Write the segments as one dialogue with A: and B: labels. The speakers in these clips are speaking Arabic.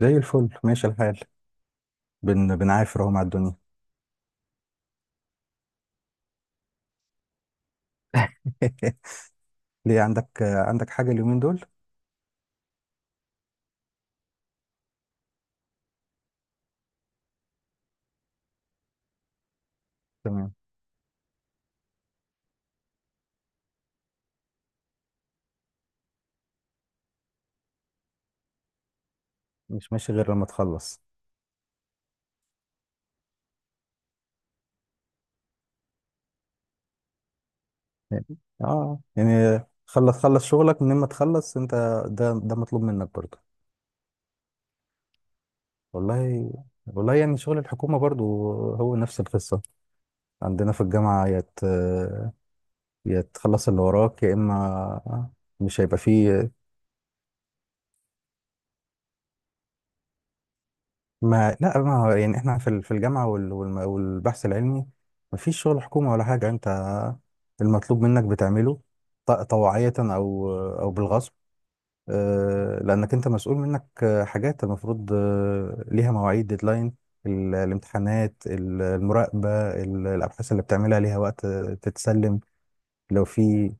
A: زي الفل، ماشي الحال. بنعافر اهو مع الدنيا. ليه، عندك حاجة اليومين دول؟ تمام، مش ماشي غير لما تخلص. يعني- اه يعني، خلص شغلك من ما تخلص انت. ده مطلوب منك برضه. والله، والله يعني شغل الحكومة برضه هو نفس القصة. عندنا في الجامعة، يا تخلص اللي وراك يا اما مش هيبقى فيه. ما لا، ما هو يعني احنا في في الجامعه والبحث العلمي ما فيش شغل حكومه ولا حاجه. انت المطلوب منك بتعمله، طوعيه او بالغصب، لانك انت مسؤول منك. حاجات المفروض، ليها مواعيد ديدلاين: الامتحانات، المراقبه، الابحاث اللي بتعملها ليها وقت تتسلم. لو في.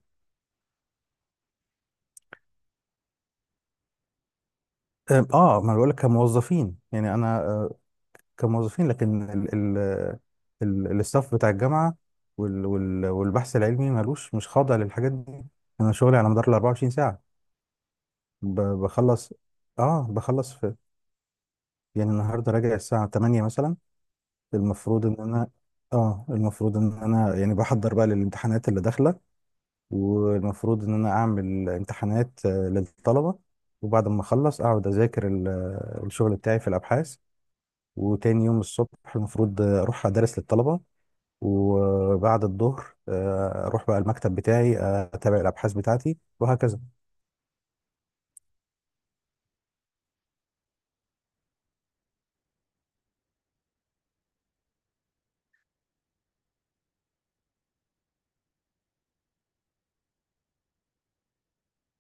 A: اه، ما أنا بقول لك كموظفين، يعني انا، كموظفين، لكن الاستاف بتاع الجامعة والبحث العلمي مالوش، مش خاضع للحاجات دي. أنا شغلي على مدار ال 24 ساعة. بخلص، آه بخلص في. يعني النهاردة راجع الساعة 8 مثلا. المفروض إن أنا، آه المفروض إن أنا يعني بحضر بقى للامتحانات اللي داخلة، والمفروض إن أنا أعمل امتحانات للطلبة، وبعد ما أخلص أقعد أذاكر الشغل بتاعي في الأبحاث، وتاني يوم الصبح المفروض أروح أدرس للطلبة، وبعد الظهر اروح بقى المكتب بتاعي اتابع الابحاث بتاعتي وهكذا.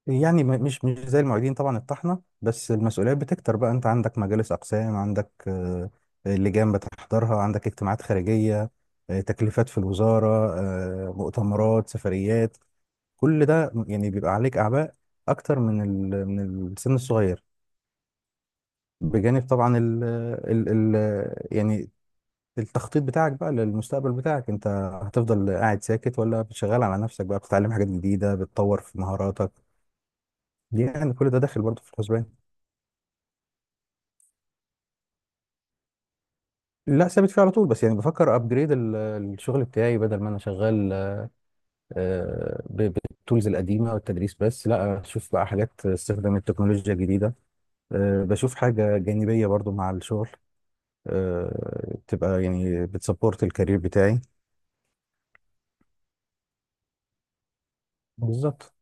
A: يعني، مش زي المعيدين طبعا الطحنه، بس المسؤوليات بتكتر بقى. انت عندك مجالس اقسام، عندك لجان بتحضرها، عندك اجتماعات خارجيه، تكليفات في الوزاره، مؤتمرات، سفريات. كل ده يعني بيبقى عليك اعباء اكتر من من السن الصغير. بجانب طبعا ال ال ال يعني التخطيط بتاعك بقى للمستقبل بتاعك انت. هتفضل قاعد ساكت، ولا بتشغل على نفسك بقى، بتتعلم حاجات جديدة، بتطور في مهاراتك؟ يعني كل ده داخل برضه في الحسبان. لا، ثابت فيه على طول، بس يعني بفكر ابجريد الشغل بتاعي، بدل ما انا شغال بالتولز القديمه والتدريس بس، لا اشوف بقى حاجات استخدام التكنولوجيا الجديده، بشوف حاجه جانبيه برضو مع الشغل، تبقى يعني بتسبورت الكارير بتاعي. بالظبط،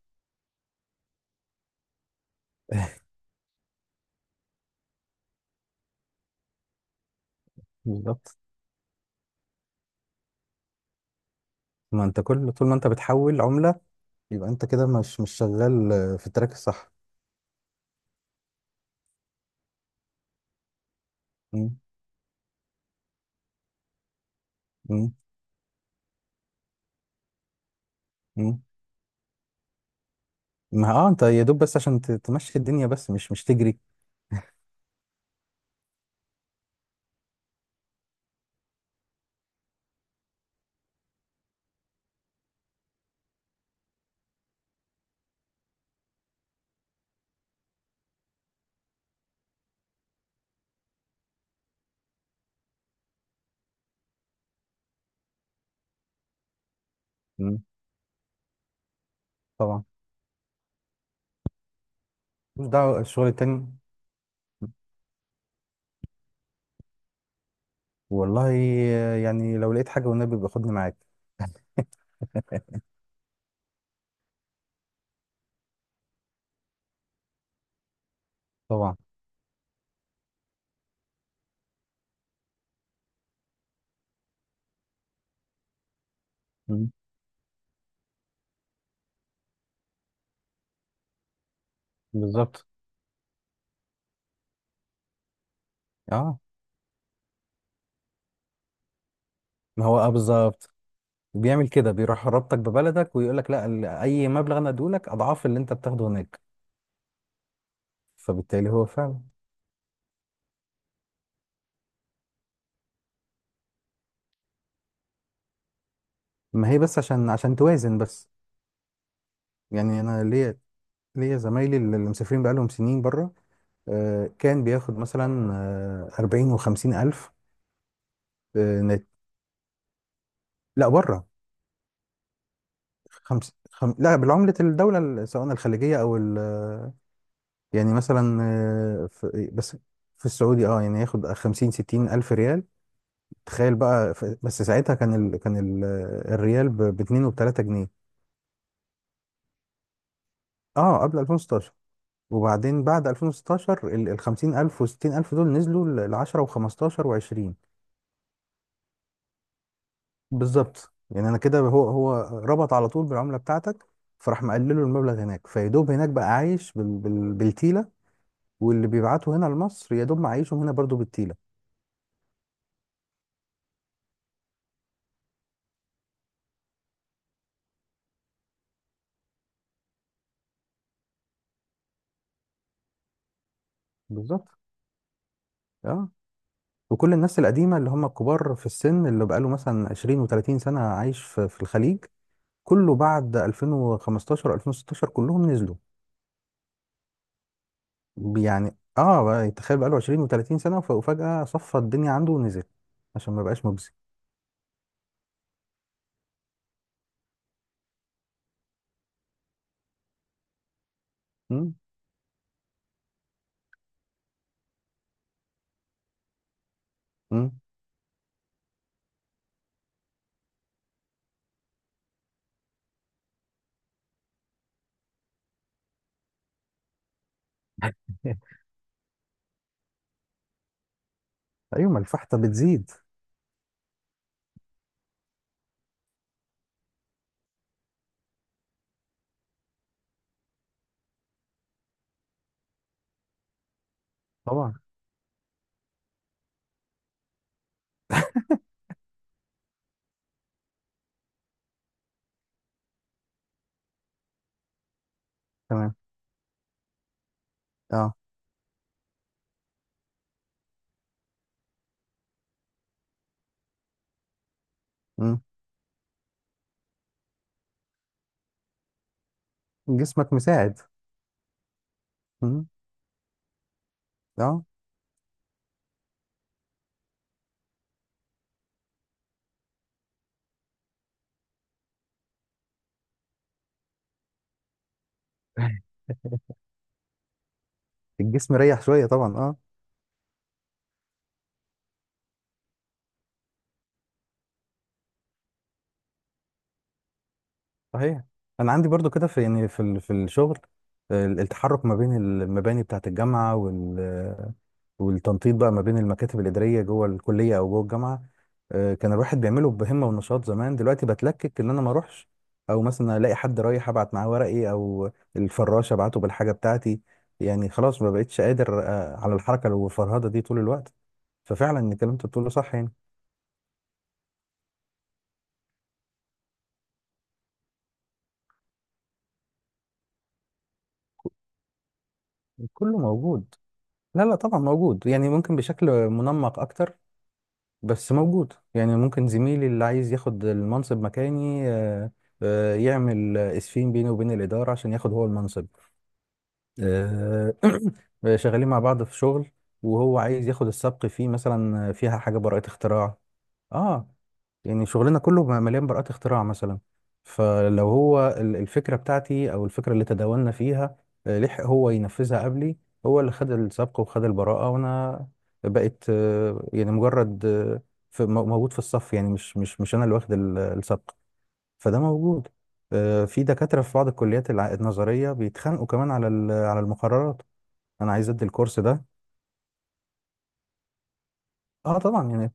A: بالظبط. ما انت كل طول ما انت بتحول عمله، يبقى انت كده مش شغال في التراك الصح. مم. مم. مم. ما اه، انت يا دوب بس عشان تمشي الدنيا، بس مش تجري. مم. طبعا، مش دعوه الشغل التاني. والله، يعني لو لقيت حاجه والنبي باخدني معاك. طبعا. مم. بالظبط، اه. ما هو اه، بالظبط. بيعمل كده، بيروح رابطك ببلدك ويقول لك لا، اي مبلغ انا اديه لك اضعاف اللي انت بتاخده هناك. فبالتالي هو فعلا. ما هي بس عشان توازن بس. يعني انا ليا، زمايلي اللي مسافرين بقالهم سنين بره، كان بياخد مثلا 40 و50 ألف. نت. لا، بره. لا، بالعملة الدولة سواء الخليجية أو ال. يعني مثلا، بس في السعودي، اه يعني ياخد 50 60 ألف ريال. تخيل بقى. بس ساعتها كان ال... الريال ب 2 و3 جنيه. اه، قبل 2016. وبعدين بعد 2016 ال ال 50 ألف و 60 ألف دول نزلوا ل 10 و15 و20. بالظبط. يعني انا كده، هو ربط على طول بالعمله بتاعتك، فراح مقلله المبلغ هناك، فيدوب هناك بقى عايش بالتيله، واللي بيبعته هنا لمصر يدوب معيشهم هنا برضو بالتيله. بالظبط، اه. وكل الناس القديمه اللي هم الكبار في السن، اللي بقاله مثلا 20 و30 سنه عايش في الخليج، كله بعد 2015 2016 كلهم نزلوا. يعني اه، بقى تخيل بقاله 20 و30 سنه، وفجاه صفى الدنيا عنده ونزل، عشان ما بقاش مجزي. مم. مم. ايوه، ما الفحطه بتزيد. طبعا. تمام، اه. مم. جسمك مساعد. مم. اه، الجسم ريح شويه طبعا، اه. صحيح. انا عندي برضو كده في، يعني في في الشغل التحرك ما بين المباني بتاعه الجامعه، والتنطيط بقى ما بين المكاتب الاداريه جوه الكليه او جوه الجامعه. كان الواحد بيعمله بهمه ونشاط زمان، دلوقتي بتلكك ان انا ما اروحش، او مثلا الاقي حد رايح ابعت معاه ورقي، او الفراشه ابعته بالحاجه بتاعتي. يعني خلاص ما بقتش قادر على الحركه والفرهده دي طول الوقت. ففعلا الكلام اللي انت بتقوله صح، يعني. كله موجود. لا لا، طبعا موجود، يعني ممكن بشكل منمق اكتر، بس موجود. يعني ممكن زميلي اللي عايز ياخد المنصب مكاني يعمل اسفين بيني وبين الاداره عشان ياخد هو المنصب. آه، شغالين مع بعض في شغل وهو عايز ياخد السبق فيه، مثلا فيها حاجه براءه اختراع. اه، يعني شغلنا كله مليان براءات اختراع مثلا. فلو هو الفكرة بتاعتي، أو الفكرة اللي تداولنا فيها، لحق هو ينفذها قبلي، هو اللي خد السبق وخد البراءة، وأنا بقيت يعني مجرد موجود في الصف، يعني مش أنا اللي واخد السبق. فده موجود. في دكاترة في بعض الكليات النظرية بيتخانقوا كمان على على المقررات. أنا عايز أدي الكورس ده. أه طبعا، يعني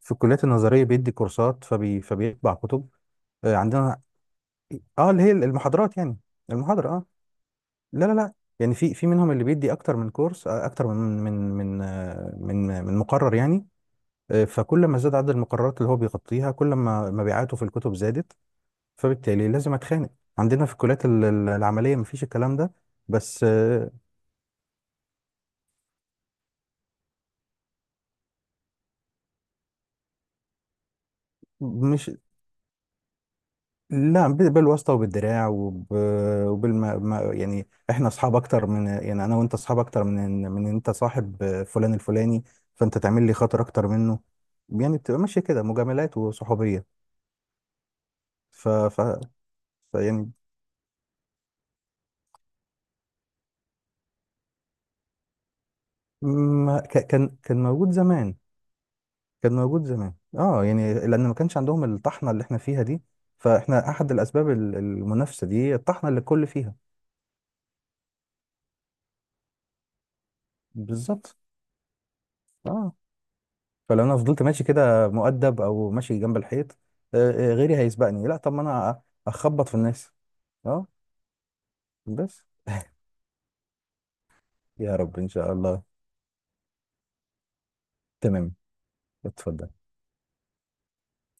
A: في الكليات النظرية بيدي كورسات فبيطبع كتب. عندنا. اه، اللي هي المحاضرات يعني، المحاضرة، اه. لا لا لا. يعني في منهم اللي بيدي اكتر من كورس اكتر من، من من من مقرر يعني. فكل ما زاد عدد المقررات اللي هو بيغطيها، كل ما مبيعاته في الكتب زادت، فبالتالي لازم اتخانق. عندنا في الكليات العملية مفيش الكلام ده. بس مش لا، بالواسطة، وبالدراع، وبالما ما- يعني احنا اصحاب اكتر من، يعني انا وانت اصحاب اكتر من. من إن انت صاحب فلان الفلاني، فانت تعمل لي خاطر اكتر منه. يعني بتبقى ماشية كده مجاملات وصحوبية. ف... ف... يعني ما... ك... كان موجود زمان. كان موجود زمان اه، يعني لان ما كانش عندهم الطحنة اللي احنا فيها دي. فاحنا احد الاسباب المنافسة دي، الطحنة اللي الكل فيها. بالظبط، اه. فلو انا فضلت ماشي كده مؤدب، او ماشي جنب الحيط، غيري هيسبقني. لا، طب ما انا اخبط في الناس. اه. بس. يا رب ان شاء الله. تمام، اتفضل.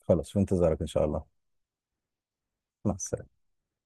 A: خلاص، في انتظارك ان شاء الله. مع السلامه.